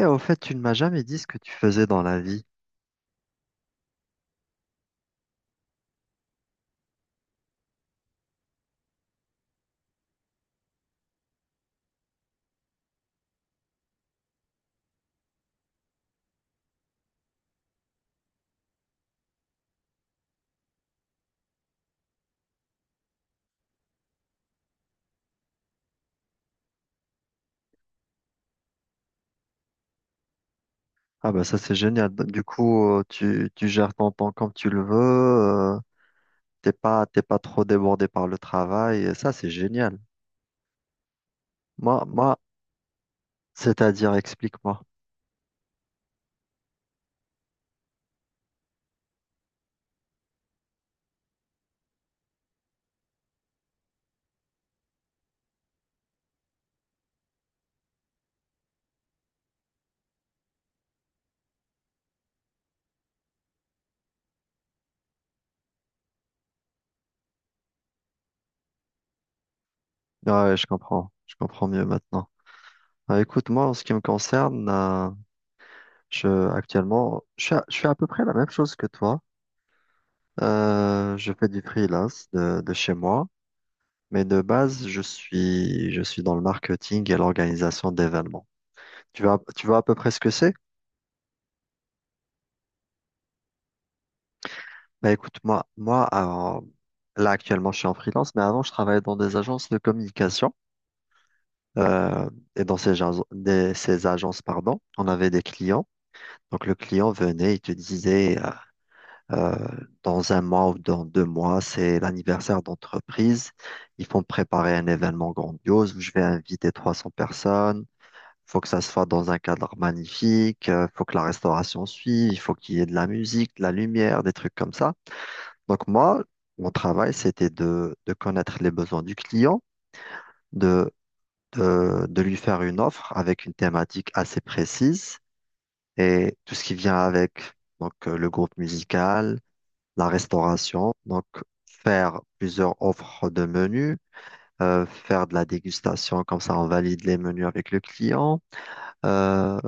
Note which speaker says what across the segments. Speaker 1: Et au fait, tu ne m'as jamais dit ce que tu faisais dans la vie. Ah bah ça c'est génial. Du coup, tu gères ton temps comme tu le veux. euh, t'es pas trop débordé par le travail. Et ça c'est génial. Moi, c'est-à-dire, explique-moi. Ah ouais, je comprends. Je comprends mieux maintenant. Ah, écoute, moi, en ce qui me concerne, actuellement, je fais à peu près la même chose que toi. Je fais du freelance de chez moi. Mais de base, je suis dans le marketing et l'organisation d'événements. Tu vois à peu près ce que c'est? Bah écoute, moi, là actuellement je suis en freelance, mais avant je travaillais dans des agences de communication. euh, et dans ces agences, pardon, on avait des clients. Donc le client venait, il te disait euh, dans un mois ou dans deux mois, c'est l'anniversaire d'entreprise. Ils font préparer un événement grandiose où je vais inviter 300 personnes. Faut que ça se fasse dans un cadre magnifique. Faut que la restauration suive. Il faut qu'il y ait de la musique, de la lumière, des trucs comme ça. Donc moi, mon travail, c'était de connaître les besoins du client, de, de lui faire une offre avec une thématique assez précise et tout ce qui vient avec, donc le groupe musical, la restauration, donc faire plusieurs offres de menus, faire de la dégustation, comme ça on valide les menus avec le client, euh,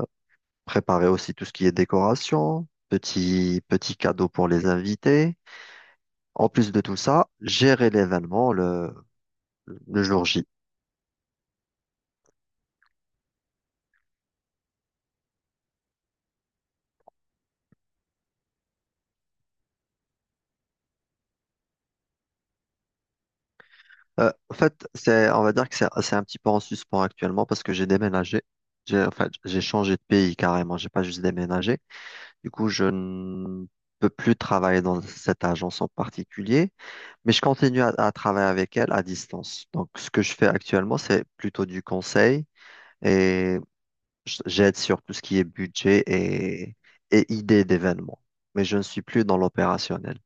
Speaker 1: préparer aussi tout ce qui est décoration, petit, petit cadeau pour les invités. En plus de tout ça, gérer l'événement, le jour J. En fait, on va dire que c'est un petit peu en suspens actuellement parce que j'ai déménagé. En fait, j'ai changé de pays carrément. J'ai pas juste déménagé. Du coup, je ne peux plus travailler dans cette agence en particulier, mais je continue à travailler avec elle à distance. Donc, ce que je fais actuellement, c'est plutôt du conseil et j'aide sur tout ce qui est budget et idées d'événements. Mais je ne suis plus dans l'opérationnel.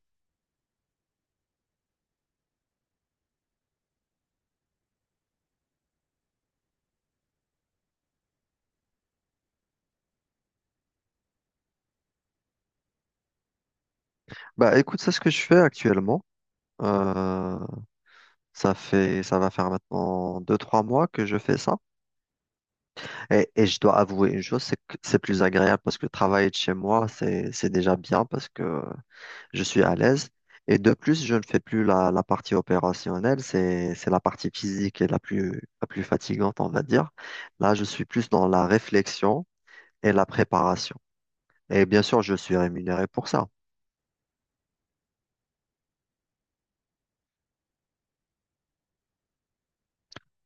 Speaker 1: Bah, écoute, c'est ce que je fais actuellement. Euh, ça va faire maintenant 2, 3 mois que je fais ça. Et je dois avouer une chose, c'est que c'est plus agréable parce que travailler de chez moi, c'est déjà bien parce que je suis à l'aise. Et de plus, je ne fais plus la partie opérationnelle, c'est la partie physique et la plus fatigante, on va dire. Là, je suis plus dans la réflexion et la préparation. Et bien sûr, je suis rémunéré pour ça.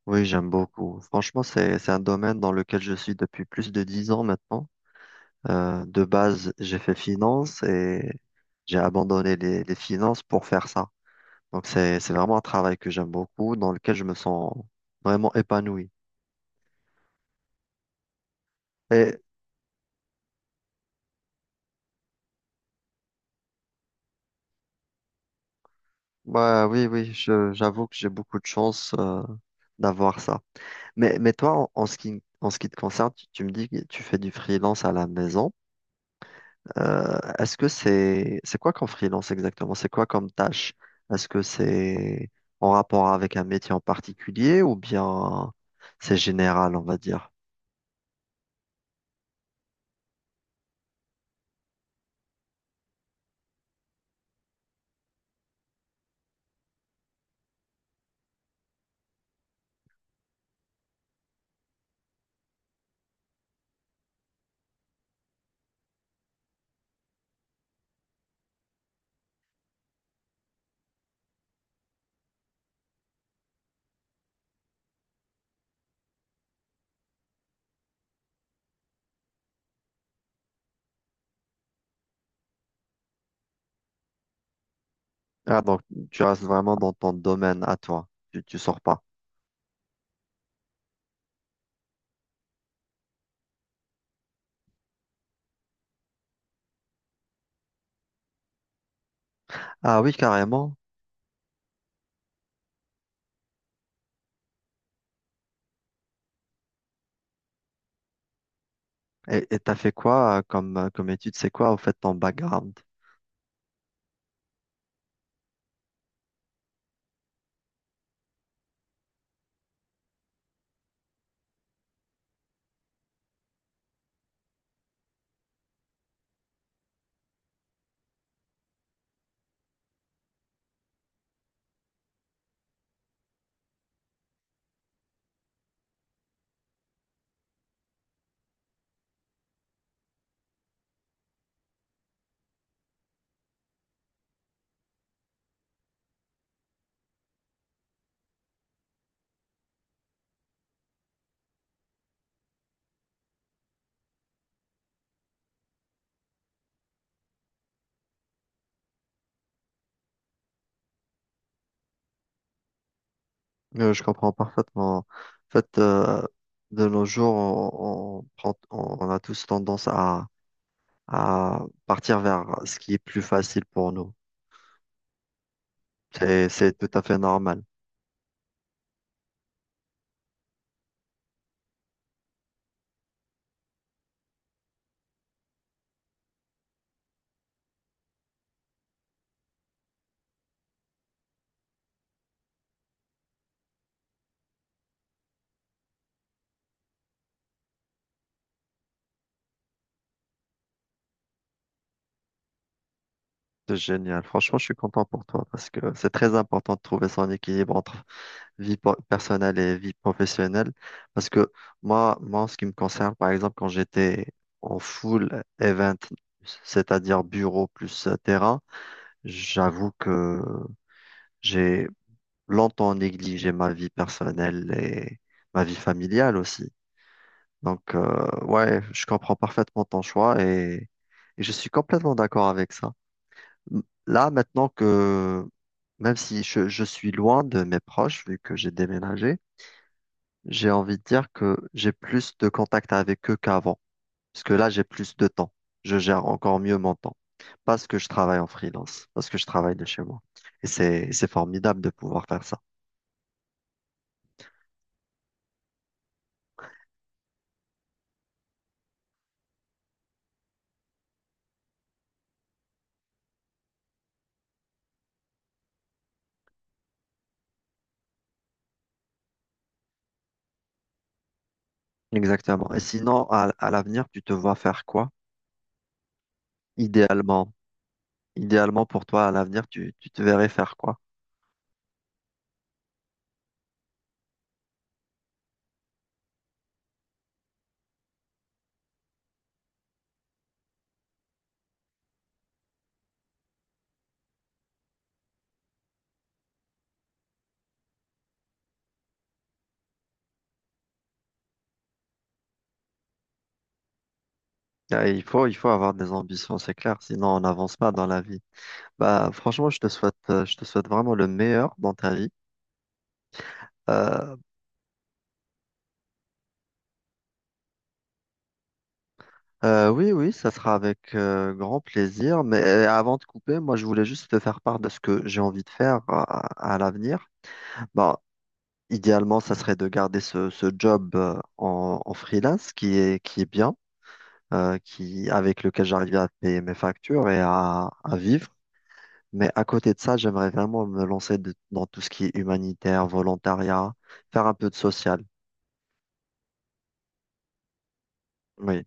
Speaker 1: Oui, j'aime beaucoup. Franchement, c'est un domaine dans lequel je suis depuis plus de 10 ans maintenant. De base, j'ai fait finance et j'ai abandonné les finances pour faire ça. Donc c'est vraiment un travail que j'aime beaucoup, dans lequel je me sens vraiment épanoui. Et bah, oui, oui, j'avoue que j'ai beaucoup de chance d'avoir ça. Mais toi, en ce qui te concerne, tu me dis que tu fais du freelance à la maison. Est-ce que c'est quoi qu'en freelance exactement? C'est quoi comme tâche? Est-ce que c'est en rapport avec un métier en particulier ou bien c'est général, on va dire? Ah, donc tu restes vraiment dans ton domaine à toi. Tu sors pas. Ah oui, carrément. Et t'as fait quoi comme étude? C'est quoi, au fait, ton background? Je comprends parfaitement. En fait, de nos jours, on a tous tendance à partir vers ce qui est plus facile pour nous. C'est tout à fait normal. C'est génial. Franchement, je suis content pour toi parce que c'est très important de trouver son équilibre entre personnelle et vie professionnelle. Parce que moi, en ce qui me concerne, par exemple, quand j'étais en full event, c'est-à-dire bureau plus terrain, j'avoue que j'ai longtemps négligé ma vie personnelle et ma vie familiale aussi. Donc, ouais, je comprends parfaitement ton choix et je suis complètement d'accord avec ça. Là, même si je suis loin de mes proches, vu que j'ai déménagé, j'ai envie de dire que j'ai plus de contact avec eux qu'avant. Parce que là, j'ai plus de temps. Je gère encore mieux mon temps. Parce que je travaille en freelance, parce que je travaille de chez moi. Et c'est formidable de pouvoir faire ça. Exactement. Et sinon, à l'avenir, tu te vois faire quoi? Idéalement. Idéalement pour toi, à l'avenir, tu te verrais faire quoi? Ah, il faut, il faut avoir des ambitions, c'est clair, sinon on n'avance pas dans la vie. Bah, franchement, je te souhaite vraiment le meilleur dans ta vie. Euh, oui, oui, ça sera avec grand plaisir. Mais avant de couper, moi, je voulais juste te faire part de ce que j'ai envie de faire à l'avenir. Bah, idéalement, ça serait de garder ce job en freelance qui est bien. Qui, avec lequel j'arrivais à payer mes factures et à vivre. Mais à côté de ça, j'aimerais vraiment me lancer dans tout ce qui est humanitaire, volontariat, faire un peu de social. Oui,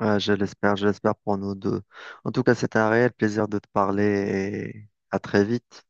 Speaker 1: Je l'espère pour nous deux. En tout cas, c'était un réel plaisir de te parler et à très vite.